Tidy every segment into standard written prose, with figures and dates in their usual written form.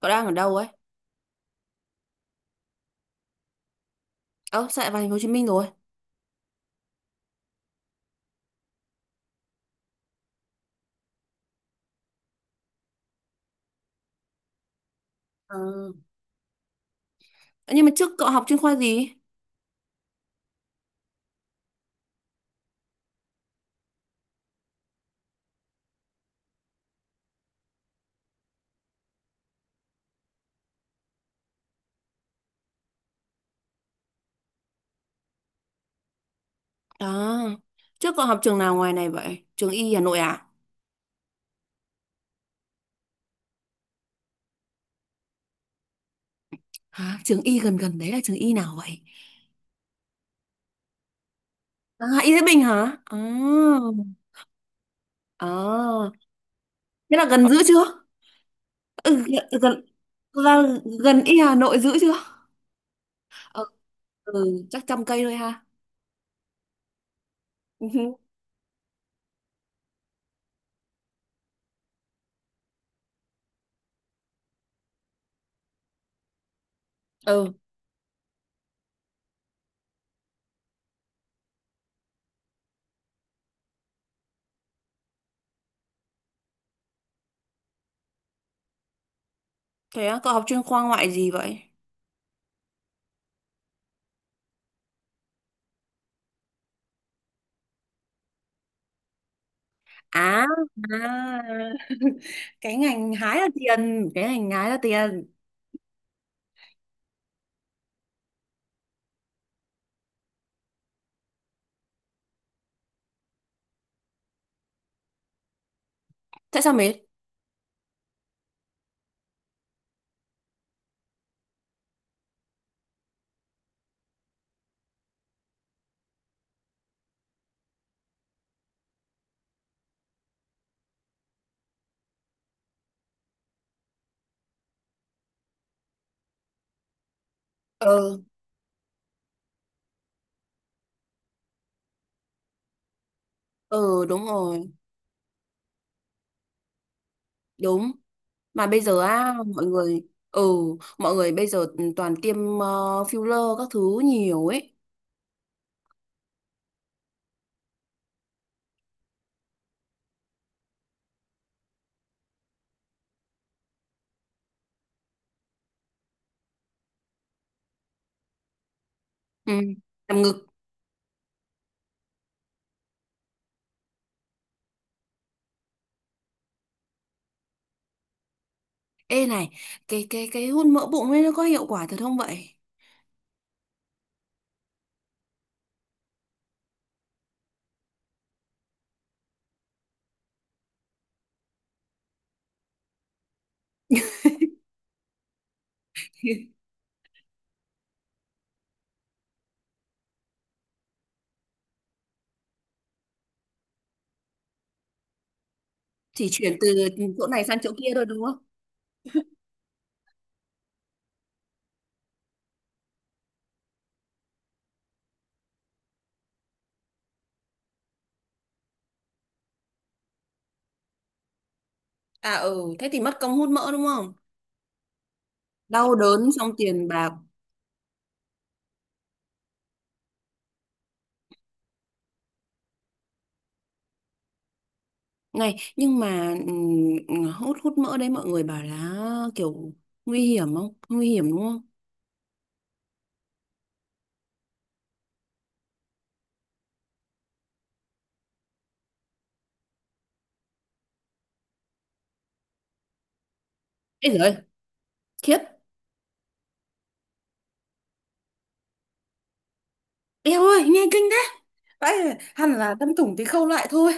Cậu đang ở đâu ấy? Ơ, sao lại vào thành phố Hồ Chí Minh rồi? À. Nhưng mà trước cậu học chuyên khoa gì? À, trước cậu học trường nào ngoài này vậy? Trường Y Hà Nội à? Hả? Trường Y gần gần đấy là trường Y nào vậy? À, Y Thái Bình hả? À, à. Thế là gần giữ chưa? Ừ, gần, là gần Y Hà Nội giữ chưa? Ờ. Ừ, chắc 100 cây thôi ha. Ừ. Ừ, thế á, cậu học chuyên khoa ngoại gì vậy? À, à. Cái ngành hái là tiền, cái ngành hái là tiền. Tại sao mệt? Ờ. Ờ. Đúng rồi. Đúng. Mà bây giờ á mọi người, ừ, mọi người bây giờ toàn tiêm filler các thứ nhiều ấy. Ừ. Làm ngực. Ê này, cái hút mỡ bụng ấy nó có hiệu quả thật không vậy? Chỉ chuyển từ chỗ này sang chỗ kia thôi đúng không? À, ừ, thế thì mất công hút mỡ đúng không? Đau đớn xong tiền bạc. Này nhưng mà hút hút mỡ đấy mọi người bảo là kiểu nguy hiểm không nguy hiểm đúng không? Ê giời ơi, khiếp. Eo ơi, nghe kinh thế. Đấy, hẳn là đâm thủng thì khâu lại thôi.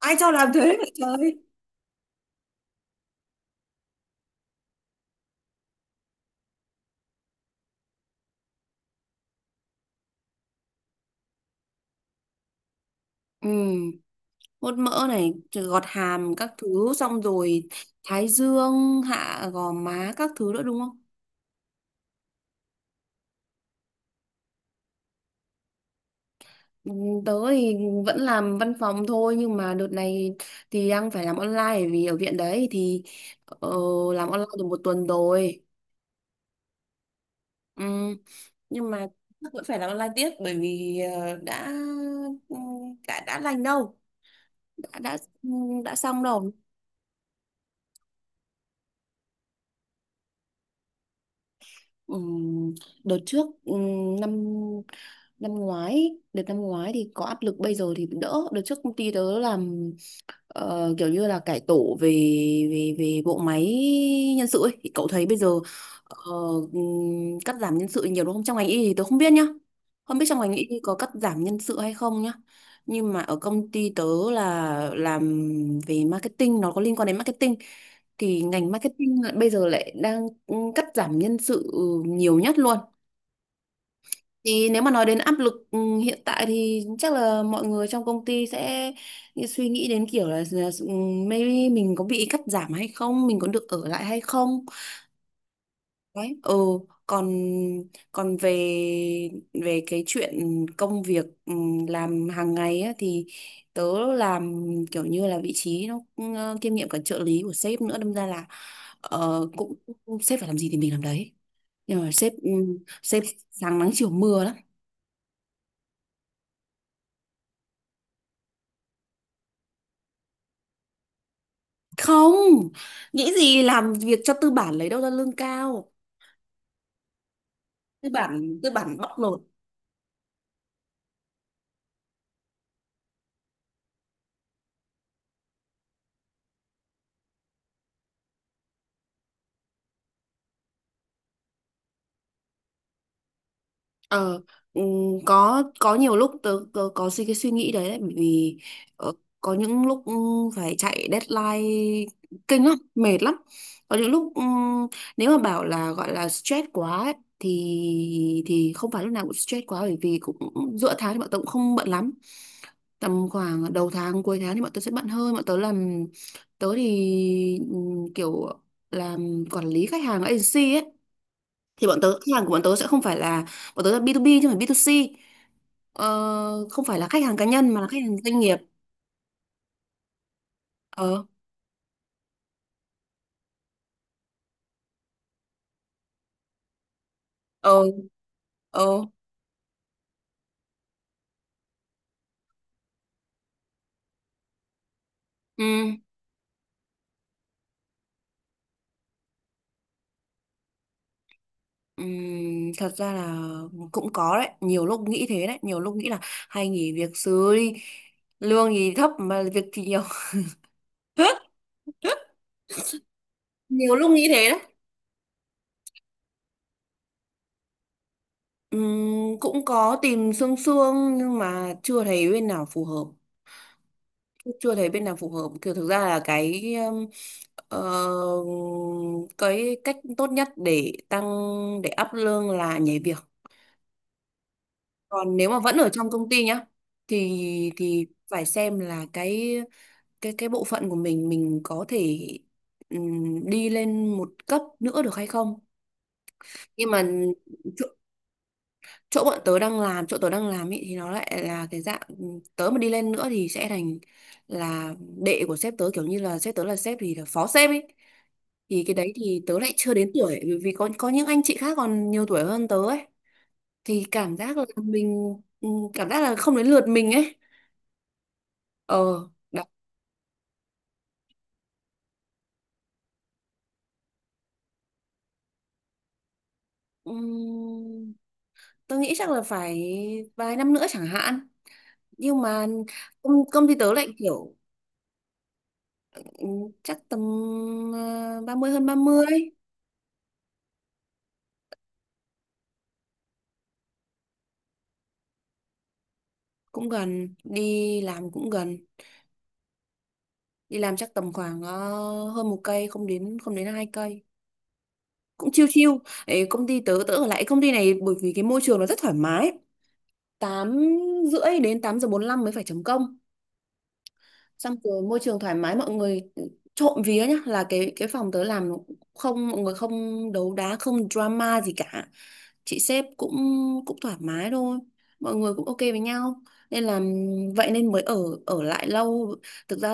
Ai cho làm thế vậy trời? Ừ, hút mỡ này, rồi gọt hàm các thứ xong rồi thái dương, hạ gò má các thứ nữa đúng không? Ừ, tớ thì vẫn làm văn phòng thôi nhưng mà đợt này thì đang phải làm online bởi vì ở viện đấy thì ờ, làm online được 1 tuần rồi. Ừ, nhưng mà chắc vẫn phải làm online tiếp bởi vì ừ, đã lành đâu, đã đã ừ, đã xong đâu. Ừm, Đợt trước năm năm ngoái đợt năm ngoái thì có áp lực bây giờ thì đỡ. Đợt trước công ty tớ làm kiểu như là cải tổ về về về bộ máy nhân sự ấy thì cậu thấy bây giờ ờ, cắt giảm nhân sự nhiều đúng không? Trong ngành y thì tôi không biết nhá, không biết trong ngành y có cắt giảm nhân sự hay không nhá, nhưng mà ở công ty tớ là làm về marketing, nó có liên quan đến marketing thì ngành marketing bây giờ lại đang cắt giảm nhân sự nhiều nhất luôn. Thì nếu mà nói đến áp lực hiện tại thì chắc là mọi người trong công ty sẽ suy nghĩ đến kiểu là maybe mình có bị cắt giảm hay không, mình có được ở lại hay không. Đấy. Ừ, còn còn về về cái chuyện công việc làm hàng ngày á, thì tớ làm kiểu như là vị trí nó kiêm nhiệm cả trợ lý của sếp nữa, đâm ra là cũng sếp phải làm gì thì mình làm đấy. Nhưng mà sếp sáng nắng chiều mưa lắm. Không, nghĩ gì làm việc cho tư bản lấy đâu ra lương cao, tư bản bóc lột. Ờ. ừm, có nhiều lúc tớ có suy cái suy nghĩ đấy đấy bởi vì ờ, có những lúc phải chạy deadline kinh lắm mệt lắm. Có những lúc nếu mà bảo là gọi là stress quá ấy, thì không phải lúc nào cũng stress quá bởi vì cũng giữa tháng thì bọn tớ cũng không bận lắm, tầm khoảng đầu tháng cuối tháng thì bọn tớ sẽ bận hơn. Bọn tớ làm, tớ thì kiểu làm quản lý khách hàng agency ấy thì bọn tớ khách hàng của bọn tớ sẽ không phải là bọn tớ là B2B chứ không phải B2C, không phải là khách hàng cá nhân mà là khách hàng doanh nghiệp. Ờ. Ờ. Ờ. Ừ. Thật ra là cũng có đấy, nhiều lúc nghĩ thế đấy, nhiều lúc nghĩ là hay nghỉ việc sớm đi, lương thì thấp mà việc thì nhiều. Nhiều lúc nghĩ thế đấy. Cũng có tìm xương xương nhưng mà chưa thấy bên nào phù hợp. Chưa thấy bên nào phù hợp. Kiểu thực ra là ờ, cái cách tốt nhất để up lương là nhảy việc, còn nếu mà vẫn ở trong công ty nhá thì thì phải xem là cái bộ phận của mình có thể đi lên một cấp nữa được hay không. Nhưng mà chỗ bọn tớ đang làm, chỗ tớ đang làm ý, thì nó lại là cái dạng tớ mà đi lên nữa thì sẽ thành là đệ của sếp tớ, kiểu như là sếp tớ là sếp thì là phó sếp ấy thì cái đấy thì tớ lại chưa đến tuổi vì vì có những anh chị khác còn nhiều tuổi hơn tớ ấy, thì cảm giác là mình cảm giác là không đến lượt mình ấy. Ờ. Đó. Ừm, Tớ nghĩ chắc là phải vài năm nữa chẳng hạn, nhưng mà công công ty tớ lại kiểu ừ, chắc tầm 30, hơn 30. Cũng gần, đi làm cũng gần, đi làm chắc tầm khoảng hơn một cây, không đến hai cây, cũng chiêu chiêu. Ấy, công ty tớ tớ ở lại công ty này bởi vì cái môi trường nó rất thoải mái, 8h30 đến 8h45 mới phải chấm công, xong rồi môi trường thoải mái mọi người, trộm vía nhá, là cái phòng tớ làm không, mọi người không đấu đá không drama gì cả, chị sếp cũng cũng thoải mái thôi, mọi người cũng ok với nhau nên là, vậy nên mới ở ở lại lâu. Thực ra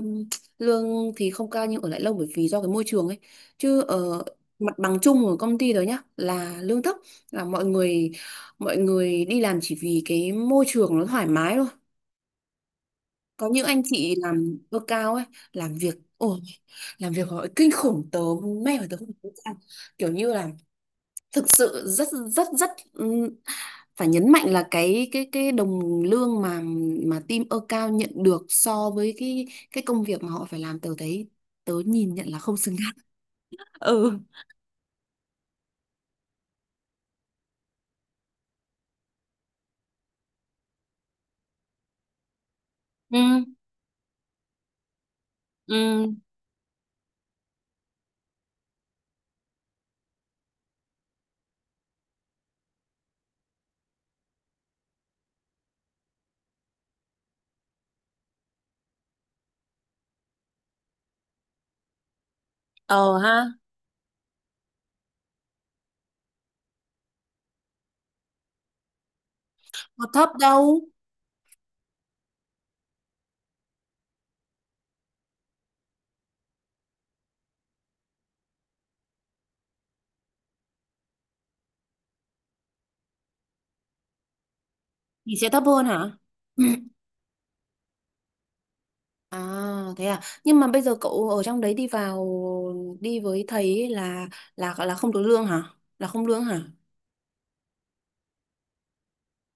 ừm, lương thì không cao nhưng ở lại lâu bởi vì do cái môi trường ấy, chứ ở mặt bằng chung của công ty rồi nhá là lương thấp, là mọi người đi làm chỉ vì cái môi trường nó thoải mái thôi. Có những anh chị làm lương cao ấy, làm việc ôi, làm việc họ kinh khủng, tớ mê mà tớ không biết sao. Kiểu như là thực sự rất rất rất phải nhấn mạnh là cái đồng lương mà team cao nhận được so với cái công việc mà họ phải làm, tớ thấy tớ nhìn nhận là không xứng đáng. Ừ. Ừ. Ừ. Ờ ha. Có thấp đâu. Thì sẽ thấp hơn hả. À, thế à, nhưng mà bây giờ cậu ở trong đấy đi vào đi với thầy ấy là không được lương hả, là không lương hả,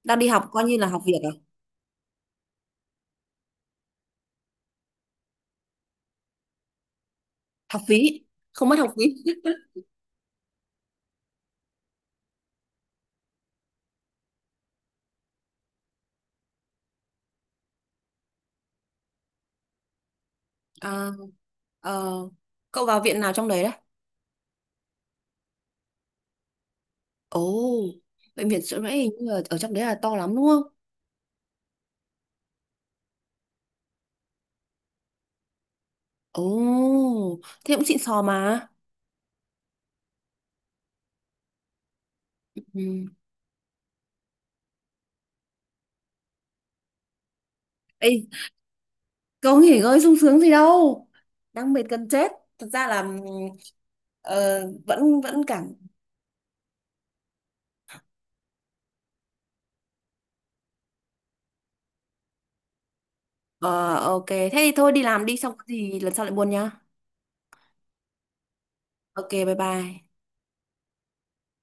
đang đi học coi như là học việc à? Học phí không mất học phí. À. ờ, Cậu vào viện nào trong đấy đấy? Ồ, bệnh viện Trợ Rẫy hình như là ở trong đấy là to lắm đúng không? Ồ, thế cũng xịn sò mà. Ừ. Ê, cậu nghỉ ngơi sung sướng gì đâu, đang mệt gần chết, thật ra là ờ, vẫn vẫn cảm. Ờ ok, thế thì thôi đi làm đi, xong có gì lần sau lại buồn nhá. Ok, bye bye.